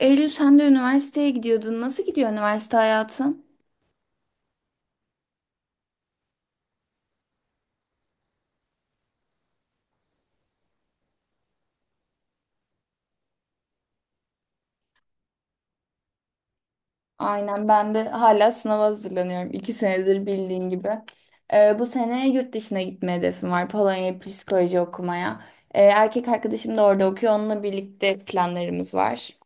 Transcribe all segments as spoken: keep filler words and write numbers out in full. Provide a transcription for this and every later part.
Eylül sen de üniversiteye gidiyordun. Nasıl gidiyor üniversite hayatın? Aynen ben de hala sınava hazırlanıyorum. İki senedir bildiğin gibi. Ee, bu sene yurt dışına gitme hedefim var. Polonya'ya psikoloji okumaya. Ee, erkek arkadaşım da orada okuyor. Onunla birlikte planlarımız var.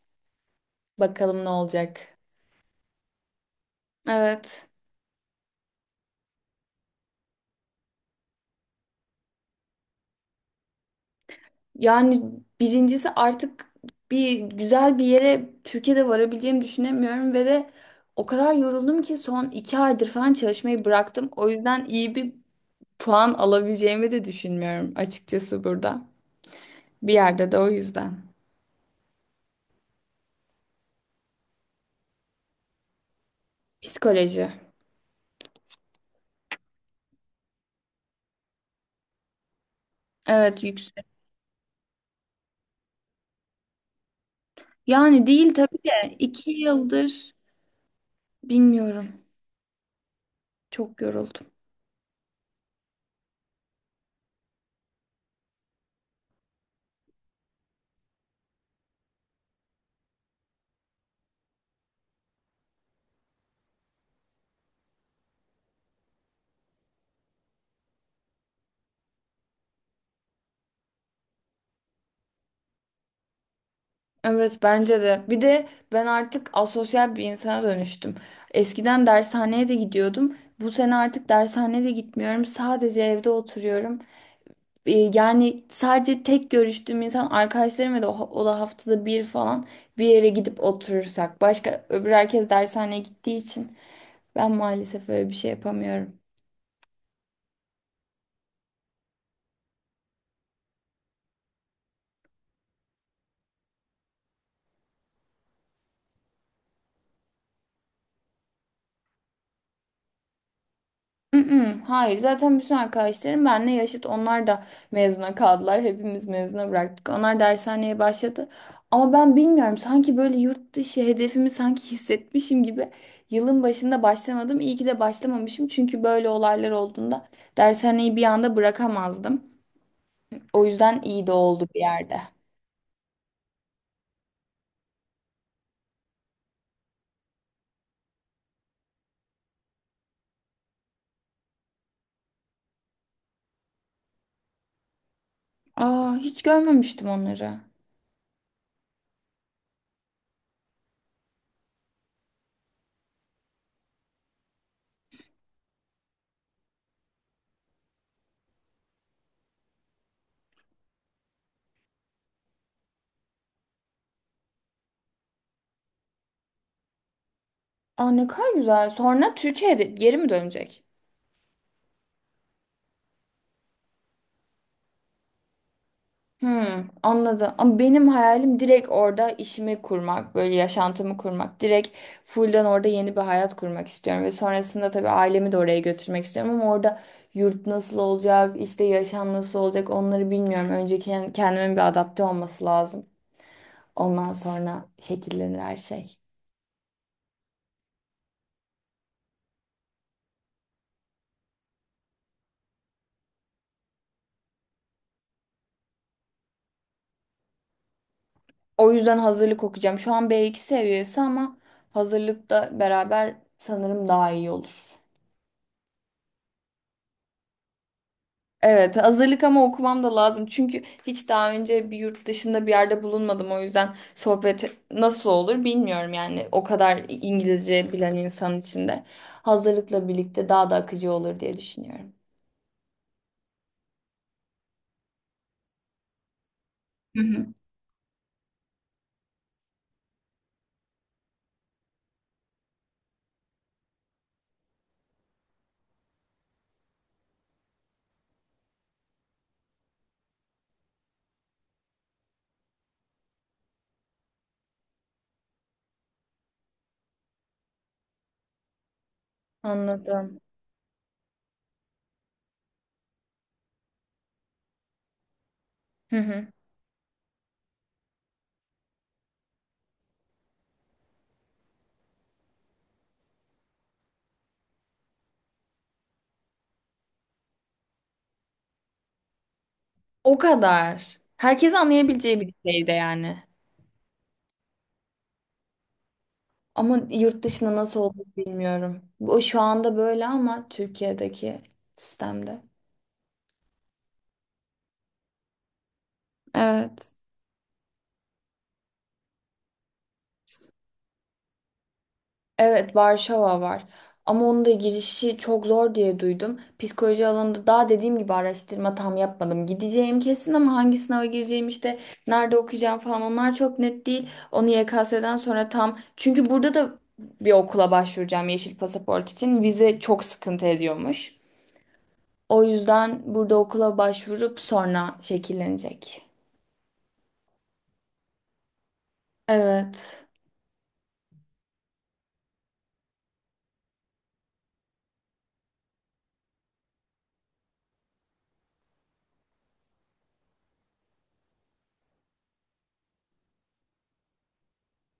Bakalım ne olacak. Evet. Yani birincisi artık bir güzel bir yere Türkiye'de varabileceğimi düşünemiyorum ve de o kadar yoruldum ki son iki aydır falan çalışmayı bıraktım. O yüzden iyi bir puan alabileceğimi de düşünmüyorum açıkçası burada. Bir yerde de o yüzden. Psikoloji. Evet yüksek. Yani değil tabii de iki yıldır bilmiyorum. Çok yoruldum. Evet bence de. Bir de ben artık asosyal bir insana dönüştüm. Eskiden dershaneye de gidiyordum. Bu sene artık dershaneye de gitmiyorum. Sadece evde oturuyorum. E, Yani sadece tek görüştüğüm insan arkadaşlarım ve de o, o da haftada bir falan bir yere gidip oturursak. Başka öbür herkes dershaneye gittiği için ben maalesef öyle bir şey yapamıyorum. Mm-mm, hayır zaten bütün arkadaşlarım benimle yaşıt onlar da mezuna kaldılar. Hepimiz mezuna bıraktık. Onlar dershaneye başladı. Ama ben bilmiyorum sanki böyle yurt dışı hedefimi sanki hissetmişim gibi yılın başında başlamadım. İyi ki de başlamamışım çünkü böyle olaylar olduğunda dershaneyi bir anda bırakamazdım. O yüzden iyi de oldu bir yerde. Aa hiç görmemiştim onları. Aa ne kadar güzel. Sonra Türkiye'de geri mi dönecek? Hmm, anladım. Ama benim hayalim direkt orada işimi kurmak, böyle yaşantımı kurmak. Direkt full'den orada yeni bir hayat kurmak istiyorum. Ve sonrasında tabii ailemi de oraya götürmek istiyorum. Ama orada yurt nasıl olacak, işte yaşam nasıl olacak onları bilmiyorum. Önce ken- kendimin bir adapte olması lazım. Ondan sonra şekillenir her şey. O yüzden hazırlık okuyacağım. Şu an B iki seviyesi ama hazırlıkta beraber sanırım daha iyi olur. Evet, hazırlık ama okumam da lazım. Çünkü hiç daha önce bir yurt dışında bir yerde bulunmadım. O yüzden sohbet nasıl olur bilmiyorum yani. O kadar İngilizce bilen insan içinde. Hazırlıkla birlikte daha da akıcı olur diye düşünüyorum. Hı hı. Anladım. Hı hı. O kadar. Herkes anlayabileceği bir şeydi yani. Ama yurt dışında nasıl olduğunu bilmiyorum. Bu şu anda böyle ama Türkiye'deki sistemde. Evet. Evet, Varşova var. Ama onun da girişi çok zor diye duydum. Psikoloji alanında daha dediğim gibi araştırma tam yapmadım. Gideceğim kesin ama hangi sınava gireceğim işte nerede okuyacağım falan onlar çok net değil. Onu Y K S'den sonra tam çünkü burada da bir okula başvuracağım yeşil pasaport için. Vize çok sıkıntı ediyormuş. O yüzden burada okula başvurup sonra şekillenecek. Evet.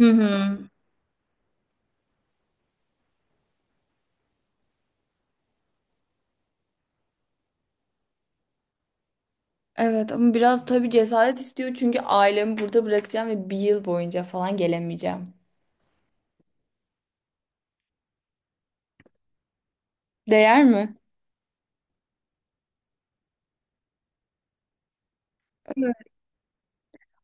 Hı hı. Evet ama biraz tabii cesaret istiyor çünkü ailemi burada bırakacağım ve bir yıl boyunca falan gelemeyeceğim. Değer mi? Evet.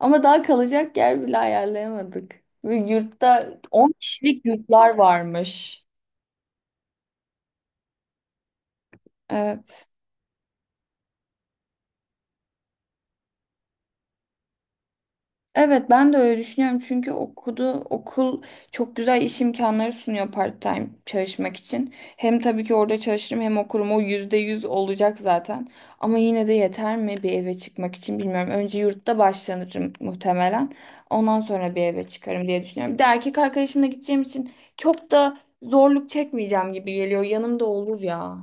Ama daha kalacak yer bile ayarlayamadık. Ve yurtta on kişilik yurtlar varmış. Evet. Evet ben de öyle düşünüyorum çünkü okudu okul çok güzel iş imkanları sunuyor part-time çalışmak için. Hem tabii ki orada çalışırım hem okurum o yüzde yüz olacak zaten. Ama yine de yeter mi bir eve çıkmak için bilmiyorum. Önce yurtta başlanırım muhtemelen. Ondan sonra bir eve çıkarım diye düşünüyorum. Bir de erkek arkadaşımla gideceğim için çok da zorluk çekmeyeceğim gibi geliyor. Yanımda olur ya.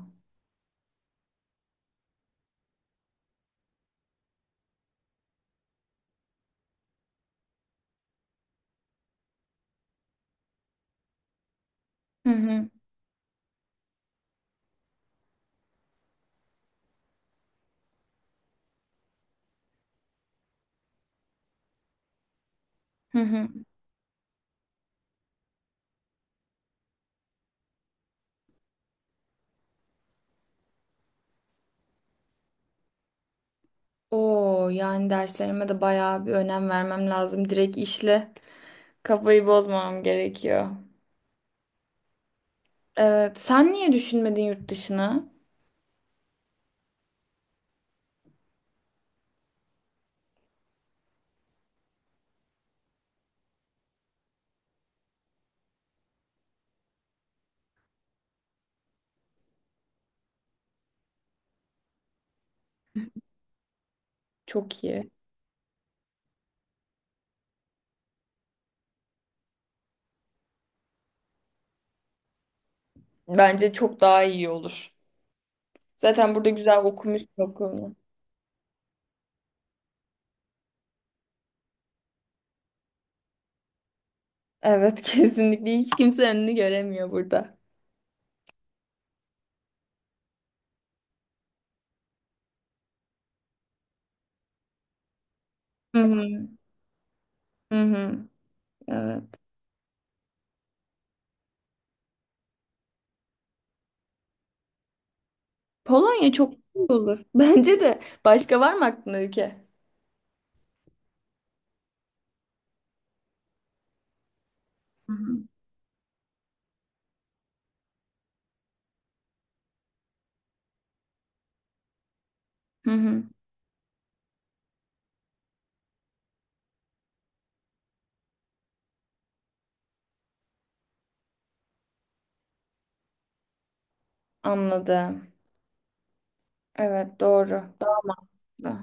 Hı hı. Hı hı. Oo yani derslerime de bayağı bir önem vermem lazım. Direkt işle. Kafayı bozmam gerekiyor. Evet. Sen niye düşünmedin yurt dışını? Çok iyi. Bence çok daha iyi olur. Zaten burada güzel okumuşsun okulunu. Evet kesinlikle. Hiç kimse önünü göremiyor burada. Hı hı. Hı hı. Evet. Polonya çok iyi olur. Bence de. Başka var mı aklında ülke? Hı hı. Hı hı. Anladım. Evet doğru. Doğru.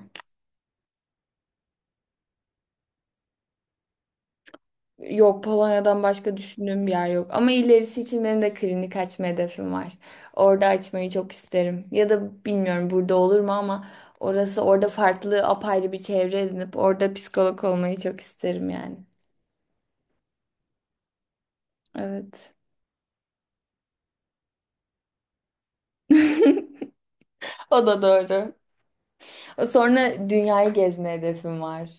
Yok Polonya'dan başka düşündüğüm bir yer yok. Ama ilerisi için benim de klinik açma hedefim var. Orada açmayı çok isterim. Ya da bilmiyorum burada olur mu ama orası orada farklı apayrı bir çevre edinip orada psikolog olmayı çok isterim yani. Evet. O da doğru. Sonra dünyayı gezme hedefim var.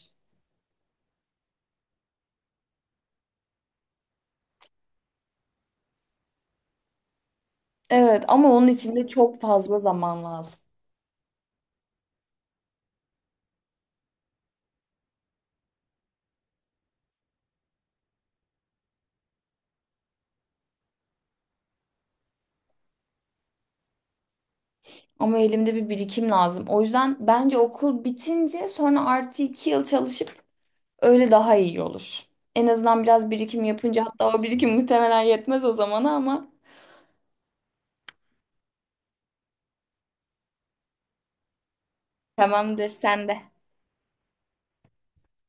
Evet ama onun için de çok fazla zaman lazım. Ama elimde bir birikim lazım. O yüzden bence okul bitince sonra artı iki yıl çalışıp öyle daha iyi olur. En azından biraz birikim yapınca hatta o birikim muhtemelen yetmez o zamana ama tamamdır sen de.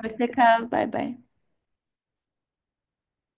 Hoşça kal. Bay bay.